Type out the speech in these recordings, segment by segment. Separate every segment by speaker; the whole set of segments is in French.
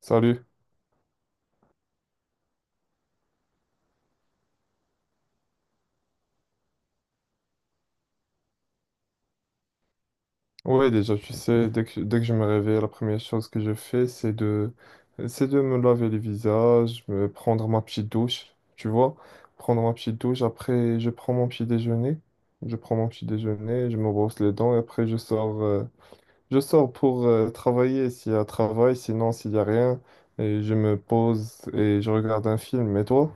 Speaker 1: Salut. Ouais, déjà, tu sais, dès que je me réveille, la première chose que je fais, c'est de me laver le visage, me prendre ma petite douche, tu vois. Prendre ma petite douche, après, je prends mon petit déjeuner. Je prends mon petit déjeuner, je me brosse les dents et après, je sors pour travailler s'il y a travail, sinon, s'il y a rien, et je me pose et je regarde un film. Et toi?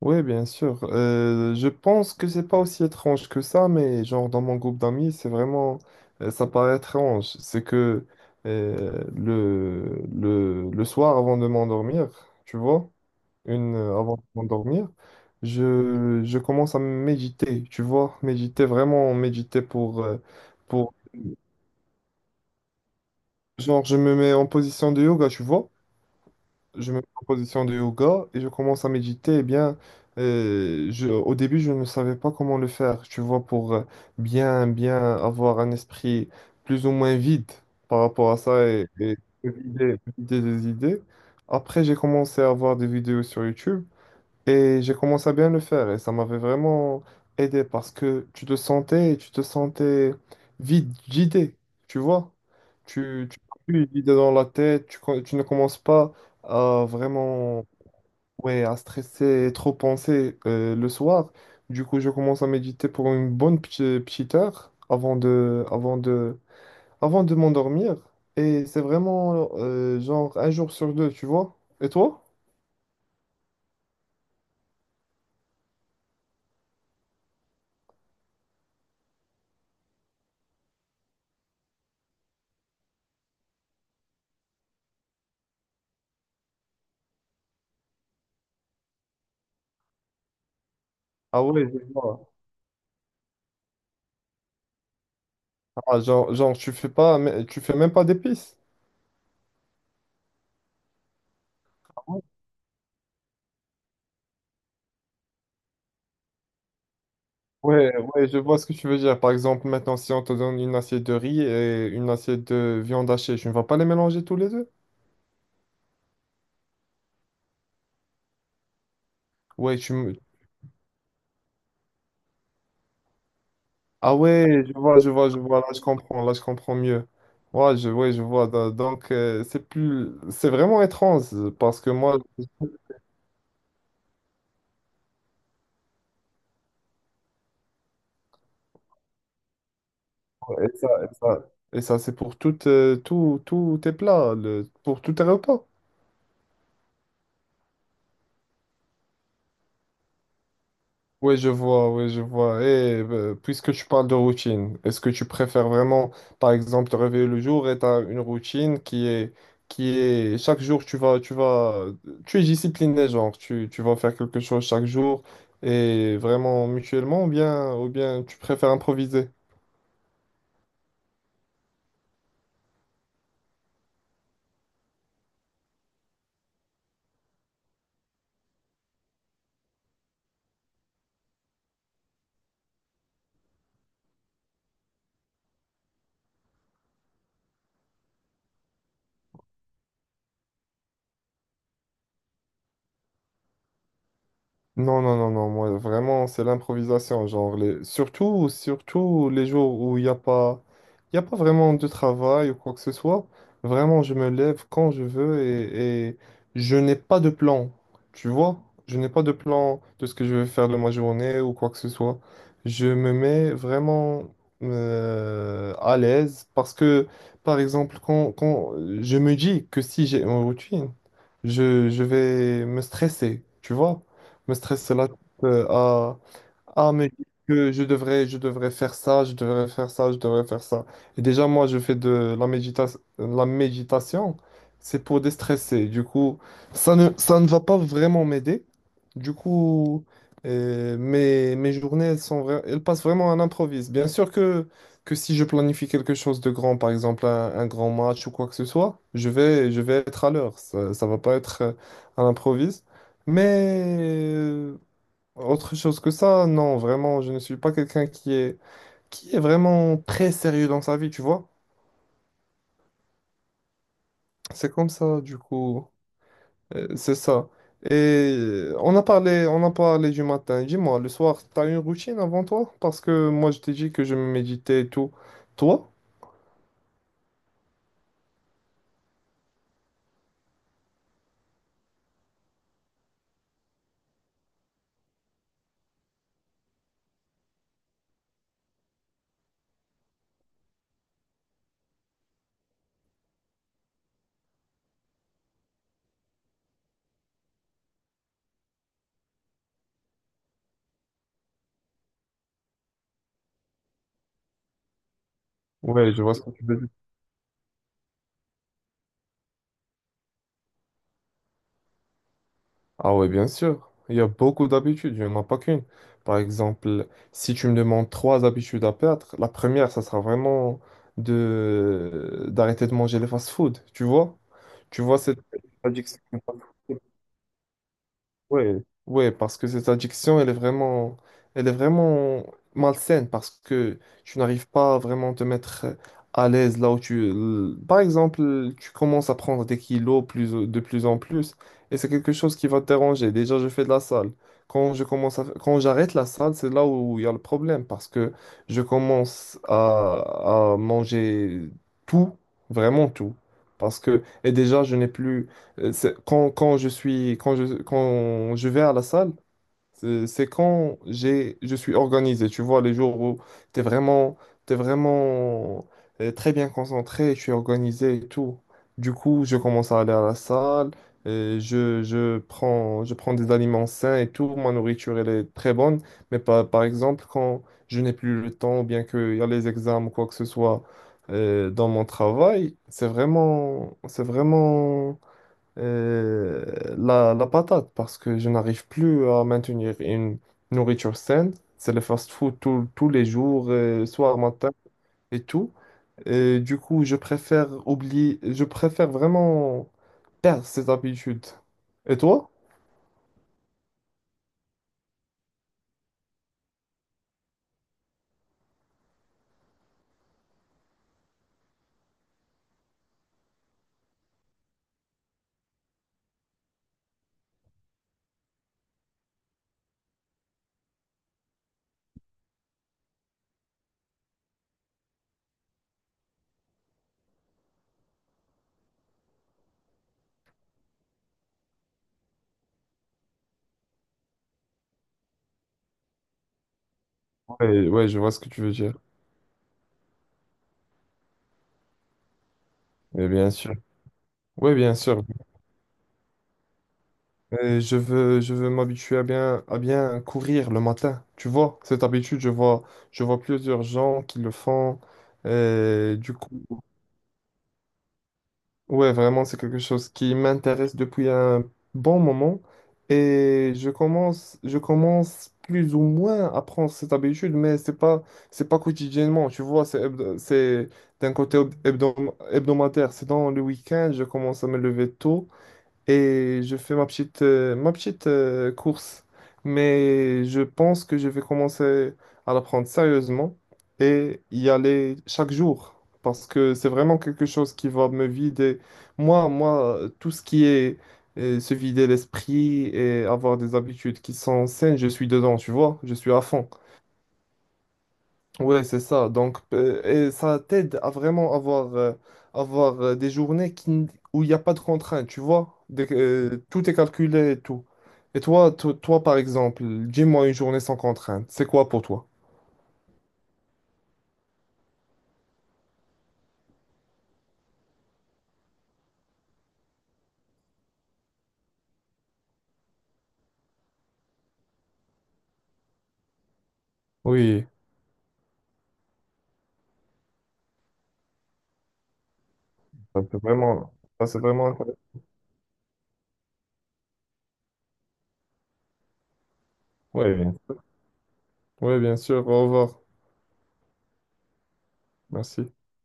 Speaker 1: Oui, bien sûr. Je pense que c'est pas aussi étrange que ça, mais genre dans mon groupe d'amis, ça paraît étrange. C'est que euh, le, le soir avant de m'endormir, tu vois, avant de m'endormir, je commence à méditer, tu vois, méditer, vraiment méditer pour, genre je me mets en position de yoga, tu vois. Je me mets en position de yoga et je commence à méditer, eh bien, au début, je ne savais pas comment le faire, tu vois, pour bien, bien avoir un esprit plus ou moins vide par rapport à ça et me vider des idées. Après, j'ai commencé à voir des vidéos sur YouTube et j'ai commencé à bien le faire et ça m'avait vraiment aidé parce que tu te sentais vide, vidé, tu vois. Tu n'as plus d'idées dans la tête, tu ne commences pas à vraiment, ouais, à stresser et trop penser le soir. Du coup, je commence à méditer pour une bonne petite heure avant de m'endormir. Et c'est vraiment genre un jour sur deux, tu vois. Et toi? Ah ouais, je vois. Ah, tu fais pas, mais tu fais même pas d'épices. Ouais, ouais, ouais, je vois ce que tu veux dire. Par exemple, maintenant, si on te donne une assiette de riz et une assiette de viande hachée, tu ne vas pas les mélanger tous les deux? Ouais, tu me... Ah ouais, je vois, là je comprends mieux. Ouais, ouais, je vois. Donc, c'est plus... C'est vraiment étrange parce que moi, et ça, c'est pour toutes, tous tes plats, pour tous tes repas. Oui, je vois, oui, je vois. Et puisque tu parles de routine, est-ce que tu préfères vraiment, par exemple, te réveiller le jour et tu as une routine chaque jour, tu es discipliné, genre, tu vas faire quelque chose chaque jour et vraiment mutuellement, ou bien tu préfères improviser? Non, non, non, non, moi vraiment c'est l'improvisation, genre les... surtout, surtout les jours où il y a pas vraiment de travail ou quoi que ce soit, vraiment je me lève quand je veux et je n'ai pas de plan, tu vois, je n'ai pas de plan de ce que je vais faire de ma journée ou quoi que ce soit, je me mets vraiment à l'aise parce que, par exemple, quand je me dis que si j'ai une routine, je vais me stresser, tu vois mais stressé là à ah, mais que je devrais, je devrais faire ça. Et déjà, moi, je fais de la la méditation, c'est pour déstresser. Du coup, ça ne va pas vraiment m'aider. Du coup, mes journées, elles passent vraiment à l'improviste. Bien sûr que si je planifie quelque chose de grand, par exemple un grand match ou quoi que ce soit, je vais être à l'heure. Ça va pas être à l'improviste. Mais autre chose que ça, non, vraiment, je ne suis pas quelqu'un qui est vraiment très sérieux dans sa vie, tu vois. C'est comme ça, du coup, c'est ça. Et on a parlé du matin. Dis-moi, le soir, t'as une routine avant toi? Parce que moi, je t'ai dit que je méditais et tout. Toi? Ouais, je vois ce que tu veux dire. Ah ouais, bien sûr. Il y a beaucoup d'habitudes, il n'y en a pas qu'une. Par exemple, si tu me demandes trois habitudes à perdre, la première, ça sera vraiment de d'arrêter de manger les fast-food, tu vois? Tu vois, cette addiction. Ouais, ouais, parce que cette addiction, elle est vraiment malsaine parce que tu n'arrives pas à vraiment te mettre à l'aise là où tu. Par exemple, tu commences à prendre des kilos plus, de plus en plus et c'est quelque chose qui va te déranger. Déjà, je fais de la salle. Quand je commence à... Quand j'arrête la salle, c'est là où il y a le problème parce que je commence à manger tout, vraiment tout. Parce que, et déjà, je n'ai plus. C'est- Quand, quand je suis, quand je, Quand je vais à la salle, c'est quand j'ai, je suis organisé. Tu vois, les jours où tu es vraiment, t'es vraiment très bien concentré, je suis organisé et tout. Du coup, je commence à aller à la salle, je prends des aliments sains et tout. Ma nourriture, elle est très bonne. Mais par exemple, quand je n'ai plus le temps, ou bien qu'il y a les examens ou quoi que ce soit dans mon travail, c'est vraiment euh, la patate parce que je n'arrive plus à maintenir une nourriture saine. C'est le fast-food tous les jours, soir, matin et tout. Et du coup, je préfère oublier, je préfère vraiment perdre cette habitude. Et toi? Ouais, ouais, je vois ce que tu veux dire. Mais bien sûr. Oui, bien sûr. Et je veux m'habituer à bien courir le matin. Tu vois, cette habitude, je vois plusieurs gens qui le font. Et du coup, ouais, vraiment, c'est quelque chose qui m'intéresse depuis un bon moment et je commence plus ou moins à prendre cette habitude, mais c'est pas quotidiennement, tu vois, c'est d'un côté hebdomadaire, c'est dans le week-end, je commence à me lever tôt et je fais ma petite, course. Mais je pense que je vais commencer à la prendre sérieusement et y aller chaque jour parce que c'est vraiment quelque chose qui va me vider. Tout ce qui est se vider l'esprit et avoir des habitudes qui sont saines, je suis dedans, tu vois, je suis à fond. Ouais, c'est ça. Donc, ça t'aide à vraiment avoir, des journées où il n'y a pas de contraintes, tu vois? Tout est calculé et tout. Et toi, toi, par exemple, dis-moi une journée sans contrainte. C'est quoi pour toi? Oui, ça, c'est vraiment, ça, c'est vraiment... incroyable. Ouais bien- ouais bien sûr. Au revoir. Merci.